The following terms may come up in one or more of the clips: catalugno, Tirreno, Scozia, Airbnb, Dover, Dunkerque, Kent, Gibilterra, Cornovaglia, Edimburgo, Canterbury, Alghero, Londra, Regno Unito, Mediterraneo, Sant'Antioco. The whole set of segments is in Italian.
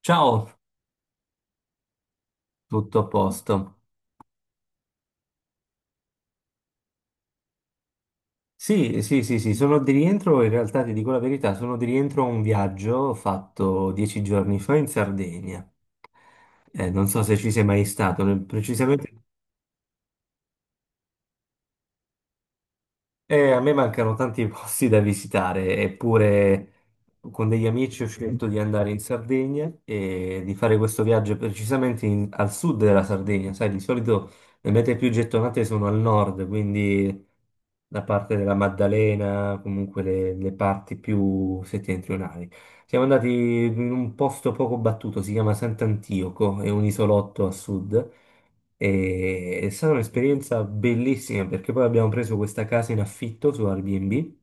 Ciao, tutto a posto. Sì, sì, sì, sì, sono di rientro, in realtà ti dico la verità, sono di rientro a un viaggio fatto 10 giorni fa in Sardegna. Non so se ci sei mai stato, precisamente. A me mancano tanti posti da visitare, eppure con degli amici ho scelto di andare in Sardegna e di fare questo viaggio precisamente al sud della Sardegna. Sai, di solito le mete più gettonate sono al nord, quindi la parte della Maddalena, comunque le parti più settentrionali. Siamo andati in un posto poco battuto, si chiama Sant'Antioco, è un isolotto a sud. E è stata un'esperienza bellissima perché poi abbiamo preso questa casa in affitto su Airbnb,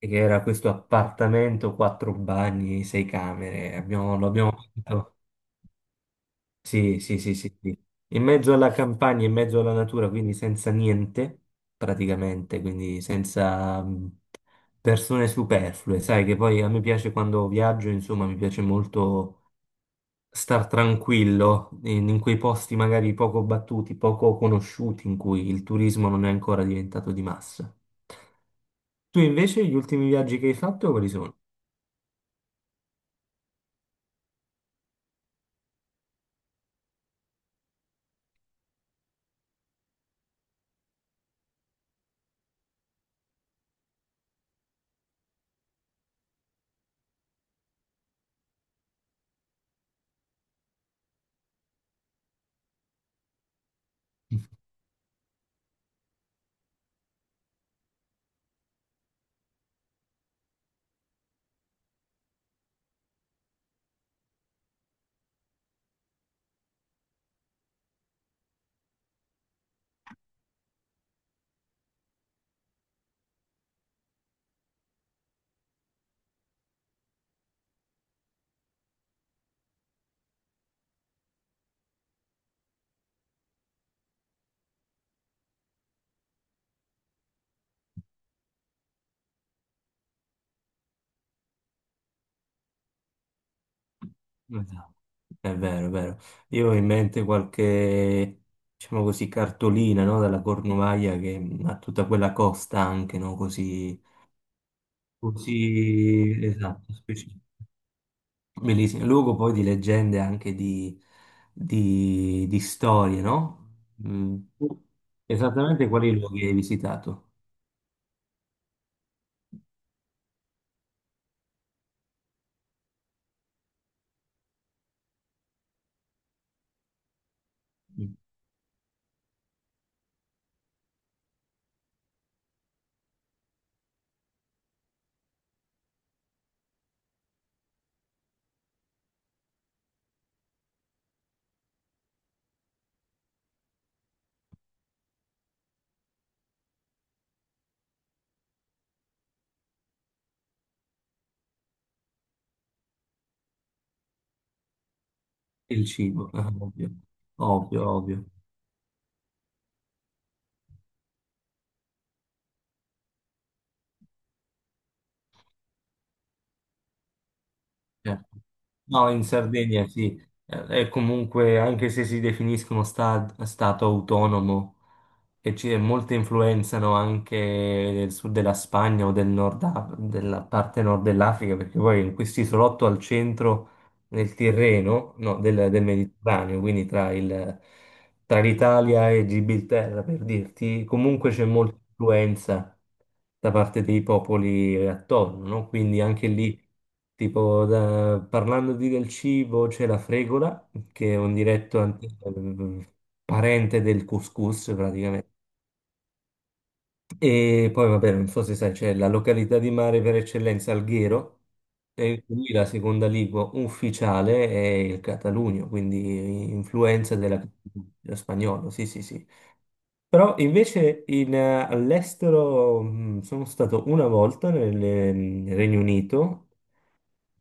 che era questo appartamento, quattro bagni, sei camere. Lo abbiamo fatto. Sì, sì, sì, sì, sì. In mezzo alla campagna, in mezzo alla natura, quindi senza niente, praticamente, quindi senza persone superflue. Sai che poi a me piace quando viaggio, insomma, mi piace molto star tranquillo in quei posti magari poco battuti, poco conosciuti, in cui il turismo non è ancora diventato di massa. Tu invece gli ultimi viaggi che hai fatto quali sono? Esatto. È vero, è vero. Io ho in mente qualche, diciamo così, cartolina, no? Dalla Cornovaglia che ha tutta quella costa anche, no? Così, così, esatto, specifica. Bellissimo, luogo poi di leggende anche di storie, no? Mm. Esattamente quali luoghi hai visitato? Mm. Il cibo, ovvio, ovvio, ovvio. Certo. No, in Sardegna sì. È comunque, anche se si definiscono stato autonomo, che ci, molte influenzano anche del sud della Spagna o del nord, della parte nord dell'Africa, perché poi in questo isolotto al centro del Tirreno, no, del Mediterraneo, quindi tra l'Italia e Gibilterra, per dirti, comunque c'è molta influenza da parte dei popoli attorno, no? Quindi anche lì, tipo, parlando di del cibo, c'è la fregola, che è un diretto parente del couscous praticamente, e poi, vabbè, non so se sai, c'è la località di mare per eccellenza Alghero, e quindi la seconda lingua ufficiale è il catalugno, quindi influenza dello spagnolo, sì, sì, sì. Però invece all'estero sono stato una volta nel Regno Unito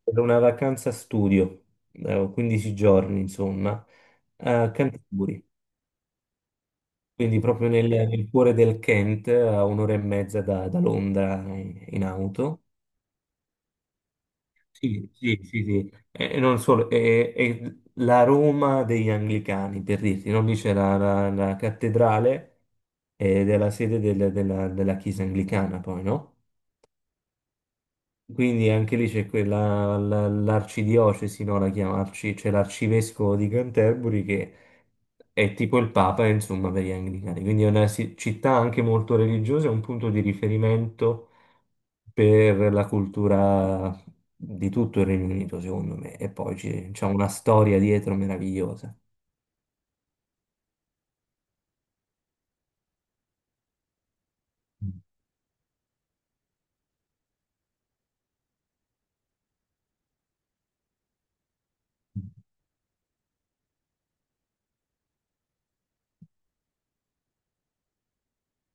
per una vacanza studio, 15 giorni, insomma, a Canterbury. Quindi proprio nel cuore del Kent, a un'ora e mezza da Londra in auto. Sì, sì, sì, sì. E non solo, e la Roma degli Anglicani, per dirti, non lì c'è la cattedrale ed è la sede della chiesa anglicana, poi, no? Quindi anche lì c'è l'arcidiocesi, no? C'è l'arcivescovo di Canterbury che è tipo il Papa, insomma, per gli anglicani. Quindi è una città anche molto religiosa, è un punto di riferimento per la cultura di tutto il Regno Unito, secondo me. E poi c'è una storia dietro meravigliosa.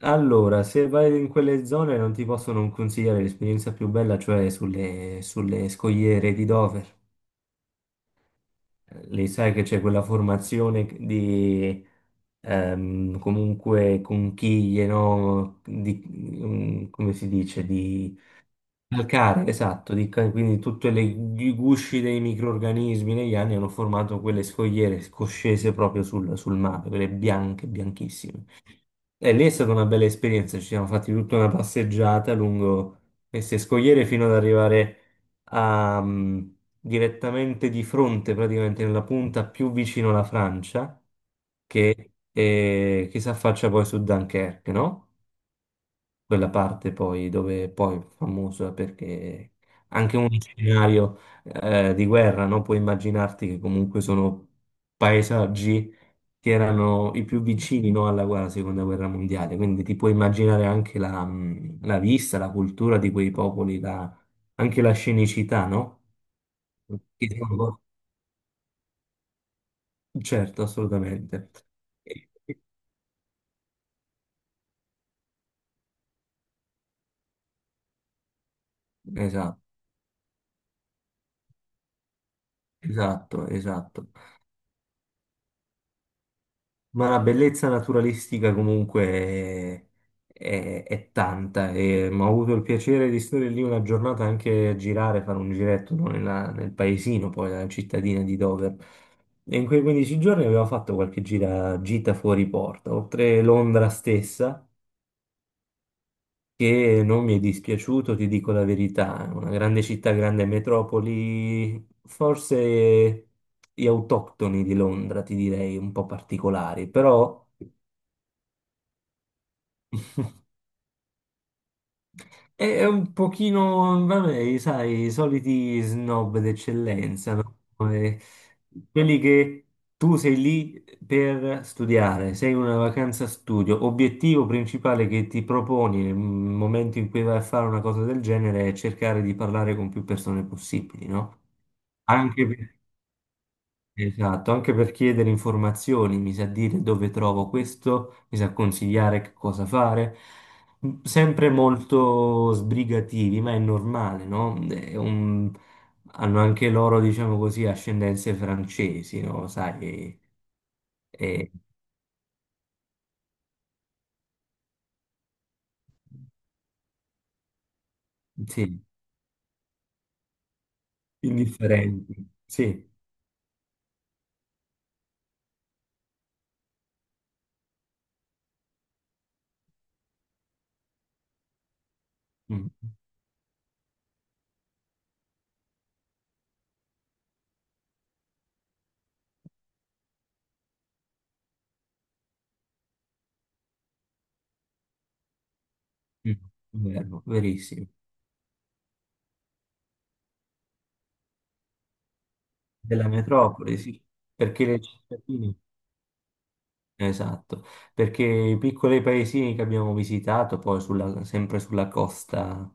Allora, se vai in quelle zone non ti posso non consigliare l'esperienza più bella, cioè sulle scogliere di Dover. Lì sai che c'è quella formazione di comunque conchiglie, no? Come si dice? Di calcare, esatto, quindi tutti i gusci dei microrganismi negli anni hanno formato quelle scogliere scoscese proprio sul mare, quelle bianche, bianchissime. E lì è stata una bella esperienza, ci siamo fatti tutta una passeggiata lungo queste scogliere fino ad arrivare a, mm, direttamente di fronte, praticamente nella punta più vicino alla Francia che si affaccia poi su Dunkerque, no? Quella parte poi dove poi è famosa perché anche un scenario di guerra, no? Puoi immaginarti che comunque sono paesaggi che erano i più vicini, no, alla seconda guerra mondiale, quindi ti puoi immaginare anche la vista, la cultura di quei popoli, anche la scenicità, no? Che sono- Certo, assolutamente. Esatto, esatto, esatto. Ma la bellezza naturalistica comunque è tanta e ho avuto il piacere di stare lì una giornata anche a girare, fare un giretto no, nel paesino, poi la cittadina di Dover. E in quei 15 giorni avevo fatto qualche gita fuori porta, oltre Londra stessa, che non mi è dispiaciuto, ti dico la verità, è una grande città, grande metropoli, forse gli autoctoni di Londra, ti direi, un po' particolari, però. È un pochino, vabbè, sai, i soliti snob d'eccellenza, no? Come quelli che tu sei lì per studiare, sei in una vacanza studio. Obiettivo principale che ti proponi nel momento in cui vai a fare una cosa del genere è cercare di parlare con più persone possibili, no? Anche perché Esatto, anche per chiedere informazioni, mi sa dire dove trovo questo, mi sa consigliare che cosa fare. Sempre molto sbrigativi, ma è normale, no? Hanno anche loro, diciamo così, ascendenze francesi, no? Sai, e- sì, indifferenti, sì. Mm, mm, mm, mm. Vero, verissimo. Della metropoli, sì, perché le cittadine. Esatto, perché i piccoli paesini che abbiamo visitato, poi sempre sulla costa,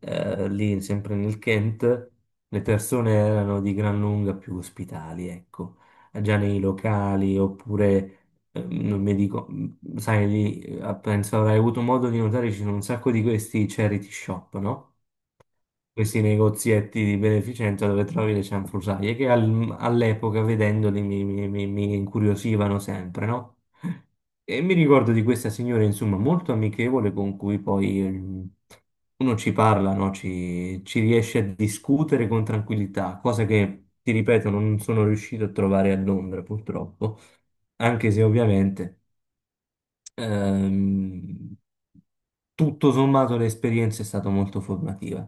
lì sempre nel Kent, le persone erano di gran lunga più ospitali, ecco, già nei locali oppure, non mi dico, sai, lì, penso avrai avuto modo di notare, ci sono un sacco di questi charity shop, no? Questi negozietti di beneficenza dove trovi le cianfrusaglie, che all'epoca vedendoli mi incuriosivano sempre, no? E mi ricordo di questa signora, insomma, molto amichevole con cui poi uno ci parla, no? Ci riesce a discutere con tranquillità, cosa che, ti ripeto, non sono riuscito a trovare a Londra, purtroppo, anche se ovviamente. Ehm, Tutto sommato l'esperienza è stata molto formativa.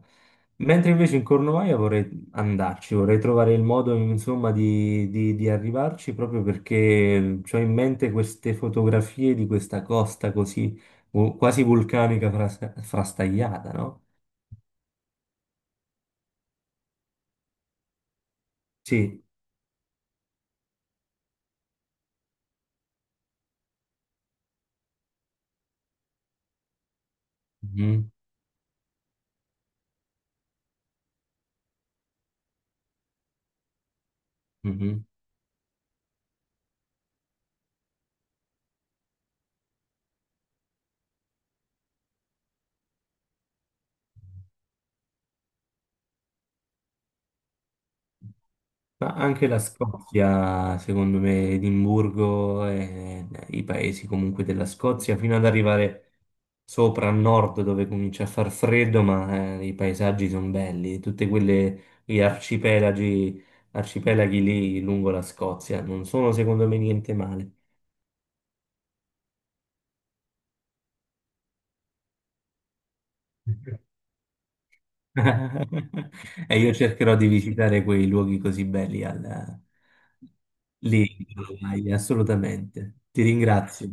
Mentre invece in Cornovaglia vorrei andarci, vorrei trovare il modo, insomma, di arrivarci proprio perché ho in mente queste fotografie di questa costa così quasi vulcanica frastagliata, no? Sì. Mhm, mhm. Ma anche la Scozia, secondo me, Edimburgo e i paesi comunque della Scozia, fino ad arrivare sopra a nord dove comincia a far freddo, ma i paesaggi sono belli, tutte quelle gli arcipelaghi lì lungo la Scozia, non sono secondo me niente male. E io cercherò di visitare quei luoghi così belli lì, assolutamente. Ti ringrazio.